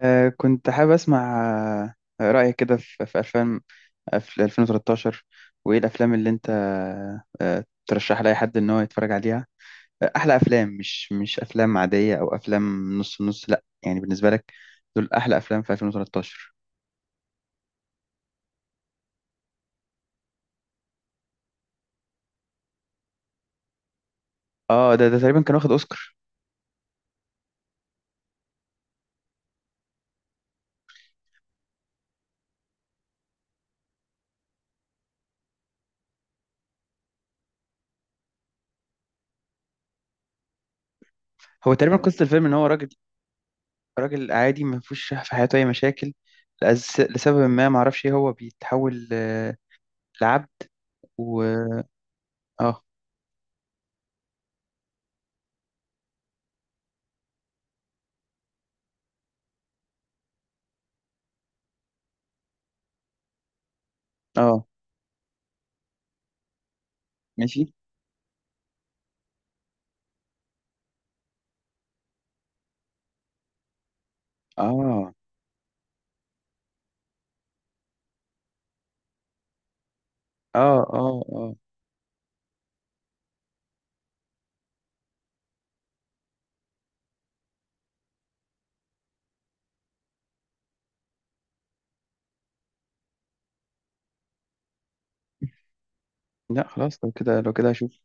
كنت حابب أسمع رأيك كده في أفلام في 2013. وإيه الأفلام اللي أنت ترشح لأي حد إن هو يتفرج عليها؟ أحلى أفلام، مش أفلام عادية أو أفلام نص نص، لأ يعني بالنسبة لك دول أحلى أفلام في 2013. ده تقريبا كان واخد أوسكار. هو تقريبا قصة الفيلم إن هو راجل عادي ما فيهوش في حياته أي مشاكل. لسبب ما معرفش إيه هو بيتحول، لعبد. و آه آه، ماشي، آه. اه، اه، اه. لا خلاص، لو كده، لو كده هشوف.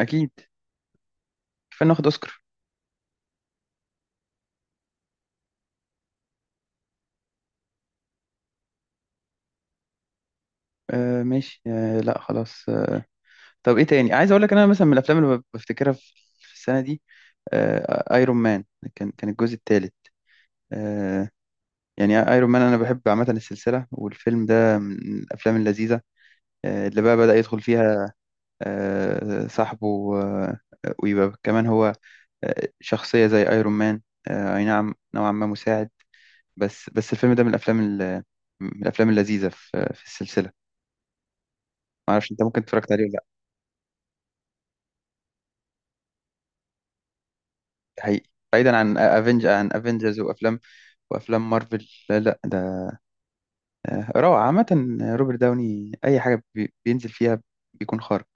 اكيد، كفايه ناخد اوسكار. آه، ماشي، آه. لا خلاص، آه. طب ايه تاني؟ عايز اقول لك انا مثلا، من الافلام اللي بفتكرها في السنه دي، آه، ايرون مان. كان الجزء الثالث. آه، يعني ايرون مان انا بحب عامه السلسله، والفيلم ده من الافلام اللذيذه، اللي بقى بدأ يدخل فيها صاحبه، ويبقى كمان هو شخصيه زي ايرون مان، اي نعم، نوعا ما مساعد. بس الفيلم ده من من الافلام اللذيذه في السلسله. ما اعرفش انت ممكن اتفرجت عليه ولا لا؟ ده حقيقي. بعيدا عن افنجرز وافلام مارفل. لا لا، ده روعه عامه. روبرت داوني اي حاجه بينزل فيها بيكون خارق.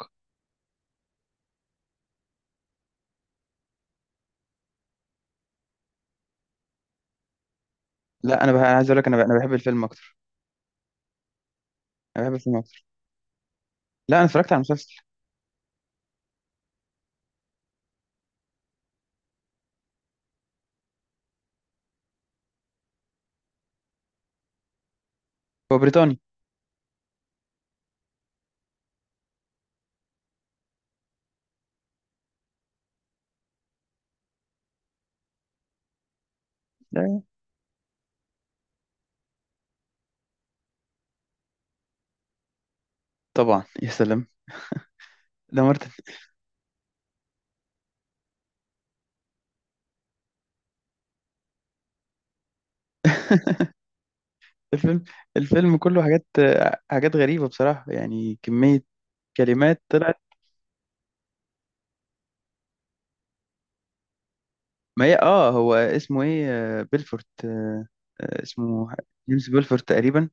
لا، انا عايز اقول لك، انا بحب الفيلم اكتر. انا بحب الفيلم اكتر. لا انا اتفرجت على المسلسل. هو بريطاني. لا، طبعا يا سلام، ده مارتن. الفيلم الفيلم كله حاجات، حاجات غريبه بصراحه، يعني كميه كلمات طلعت. ما هي، هو اسمه ايه؟ بيلفورت، اسمه جيمس بيلفورت تقريبا.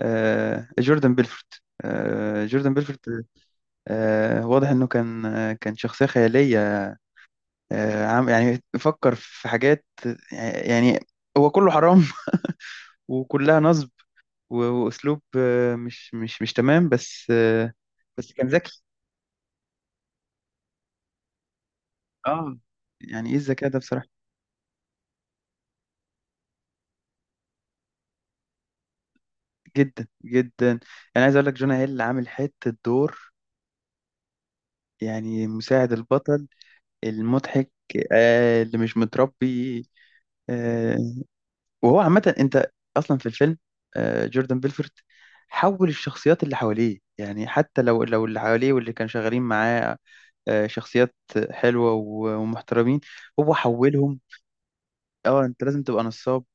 جوردان بيلفورت، جوردان بيلفورت. واضح انه كان، كان شخصية خيالية، عم يعني فكر في حاجات، يعني هو كله حرام. وكلها نصب. واسلوب مش تمام، بس بس كان ذكي. اه، يعني ايه الذكاء ده بصراحة؟ جدا جدا. انا عايز اقول لك، جونا هيل عامل حتة دور، يعني مساعد البطل المضحك، اللي مش متربي. آه، وهو عامة أنت أصلا في الفيلم، جوردن بيلفورت حول الشخصيات اللي حواليه، يعني حتى لو اللي حواليه واللي كانوا شغالين معاه شخصيات حلوة ومحترمين، هو حولهم. اه، انت لازم تبقى نصاب.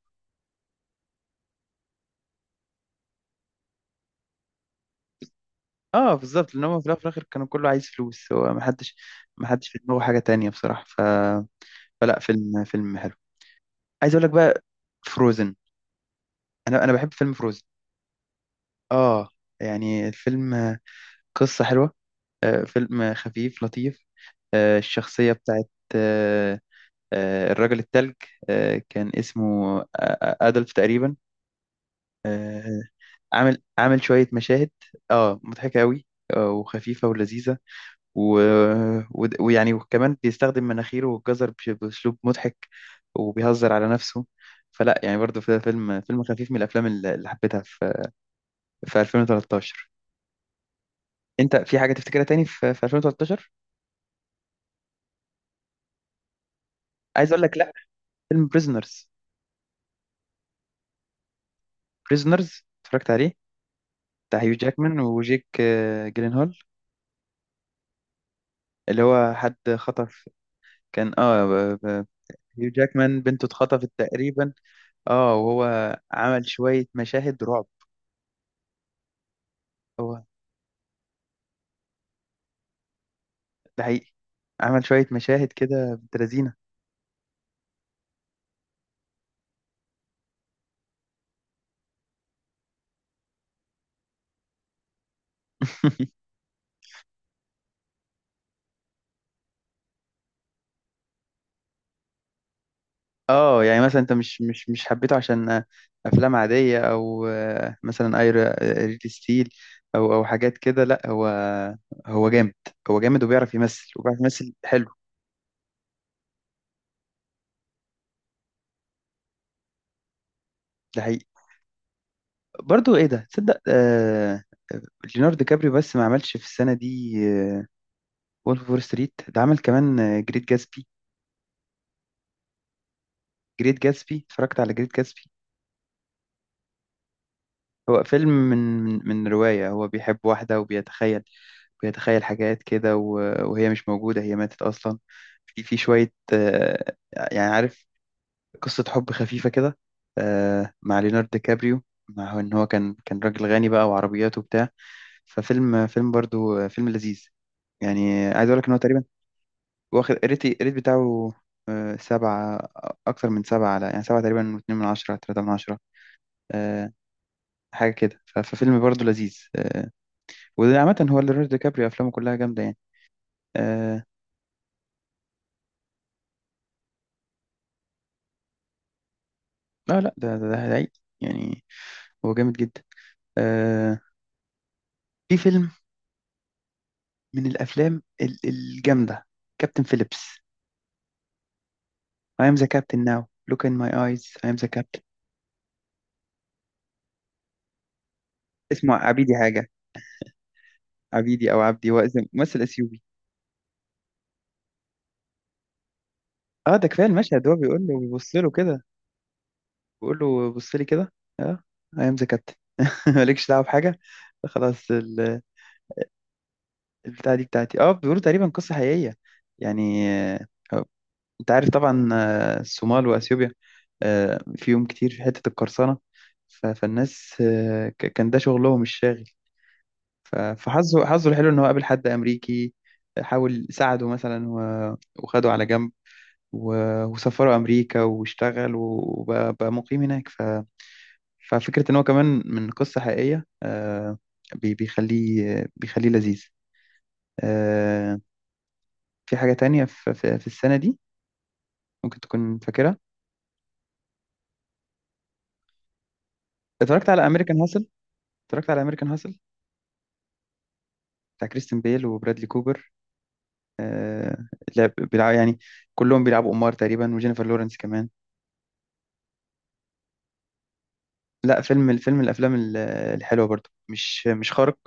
اه بالظبط، لان هو في الأول وفي الاخر كانوا كله عايز فلوس، هو ما حدش في دماغه حاجة تانية بصراحة. فلا، فيلم حلو. عايز اقول لك بقى، فروزن. انا بحب فيلم فروزن. اه يعني الفيلم قصة حلوة. فيلم خفيف لطيف، الشخصية بتاعت، الراجل التلج، كان اسمه أدلف تقريبا. آه، عامل شوية مشاهد، اه مضحكة أوي، وخفيفة ولذيذة. و... ويعني وكمان بيستخدم مناخيره والجزر بأسلوب مضحك، وبيهزر على نفسه. فلا يعني برضه، في فيلم خفيف من الأفلام اللي حبيتها في في 2013. أنت في حاجة تفتكرها تاني في في 2013؟ عايز أقول لك، لا، فيلم بريزنرز. بريزنرز، اتفرجت عليه، بتاع هيو جاكمان وجيك جيلنهول، اللي هو حد خطف. كان هيو جاكمان بنته اتخطفت تقريبا. اه، وهو عمل شوية مشاهد رعب. هو ده حقيقي، عمل شوية مشاهد كده، بنت لذينة. اه، يعني مثلا انت مش حبيته عشان افلام عادية، او مثلا ايرا ريد ستيل، او حاجات كده؟ لا، هو، هو جامد هو جامد وبيعرف يمثل، وبيعرف يمثل حلو. ده حقيقي. برضو ايه ده؟ تصدق، آه، ليوناردو كابريو، بس ما عملش في السنة دي وولف اوف وول ستريت، ده عمل كمان جريت جاتسبي. جريت جاتسبي، اتفرجت على جريت جاتسبي؟ هو فيلم من، من رواية. هو بيحب واحدة وبيتخيل، بيتخيل حاجات كده، وهي مش موجودة، هي ماتت أصلا. في شوية، يعني عارف، قصة حب خفيفة كده، مع ليوناردو كابريو. مع ان هو كان راجل غني بقى وعربياته وبتاع. ففيلم، فيلم برضو فيلم لذيذ يعني. عايز اقول لك ان هو تقريبا واخد الريت بتاعه سبعة. أكتر من سبعة على، يعني سبعة تقريبا، واتنين من عشرة، تلاتة من عشرة، آه، حاجة كده. ففيلم برضه لذيذ. وده عامة هو ليوناردو دي كابريو، أفلامه كلها جامدة يعني. آه، لا لا، ده، ده هيعيق. يعني هو جامد جدا. آه، في فيلم من الجامدة، كابتن فيليبس. I am the captain now. Look in my eyes, I am the captain. اسمه عبيدي حاجة. عبيدي أو عبدي، هو ممثل أثيوبي. اه، ده كفاية المشهد، هو بيقول له بيبص له كده، بقول له بص لي كده. اه، ايام ذا كابتن. مالكش دعوه بحاجه. خلاص البتاعه دي بتاعتي. اه، بيقولوا تقريبا قصه حقيقيه يعني. انت عارف طبعا، الصومال واثيوبيا، فيهم كتير في حته القرصنه. فالناس، كان ده شغلهم الشاغل. فحظه، حظه الحلو ان هو قابل حد امريكي. حاول ساعده مثلا، وخده على جنب، وسافره امريكا، واشتغل وبقى، بقى مقيم هناك. ففكرة إن هو كمان من قصة حقيقية بيخليه لذيذ. آه، في حاجة تانية في السنة دي ممكن تكون فاكرها؟ اتفرجت على أمريكان هاسل. اتفرجت على أمريكان هاسل بتاع كريستين بيل وبرادلي كوبر. آه، لعب بيلعب يعني، كلهم بيلعبوا أمار تقريبا، وجينيفر لورنس كمان. لا، فيلم، الفيلم من الحلوة برضو، مش خارق.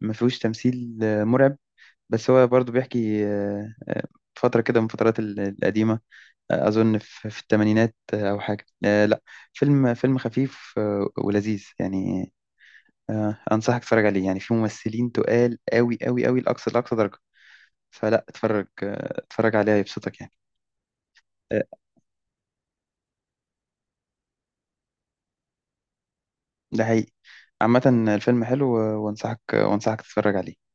ما فيهوش تمثيل مرعب، بس هو برضو بيحكي فترة كده من فترات القديمة. أظن في الثمانينات أو حاجة، لا. فيلم خفيف ولذيذ يعني. أنصحك تتفرج عليه، يعني فيه ممثلين تقال قوي قوي قوي، لأقصى درجة. فلا اتفرج، اتفرج عليه هيبسطك يعني. آه، ده حقيقي. عامة الفيلم حلو، وأنصحك تتفرج عليه.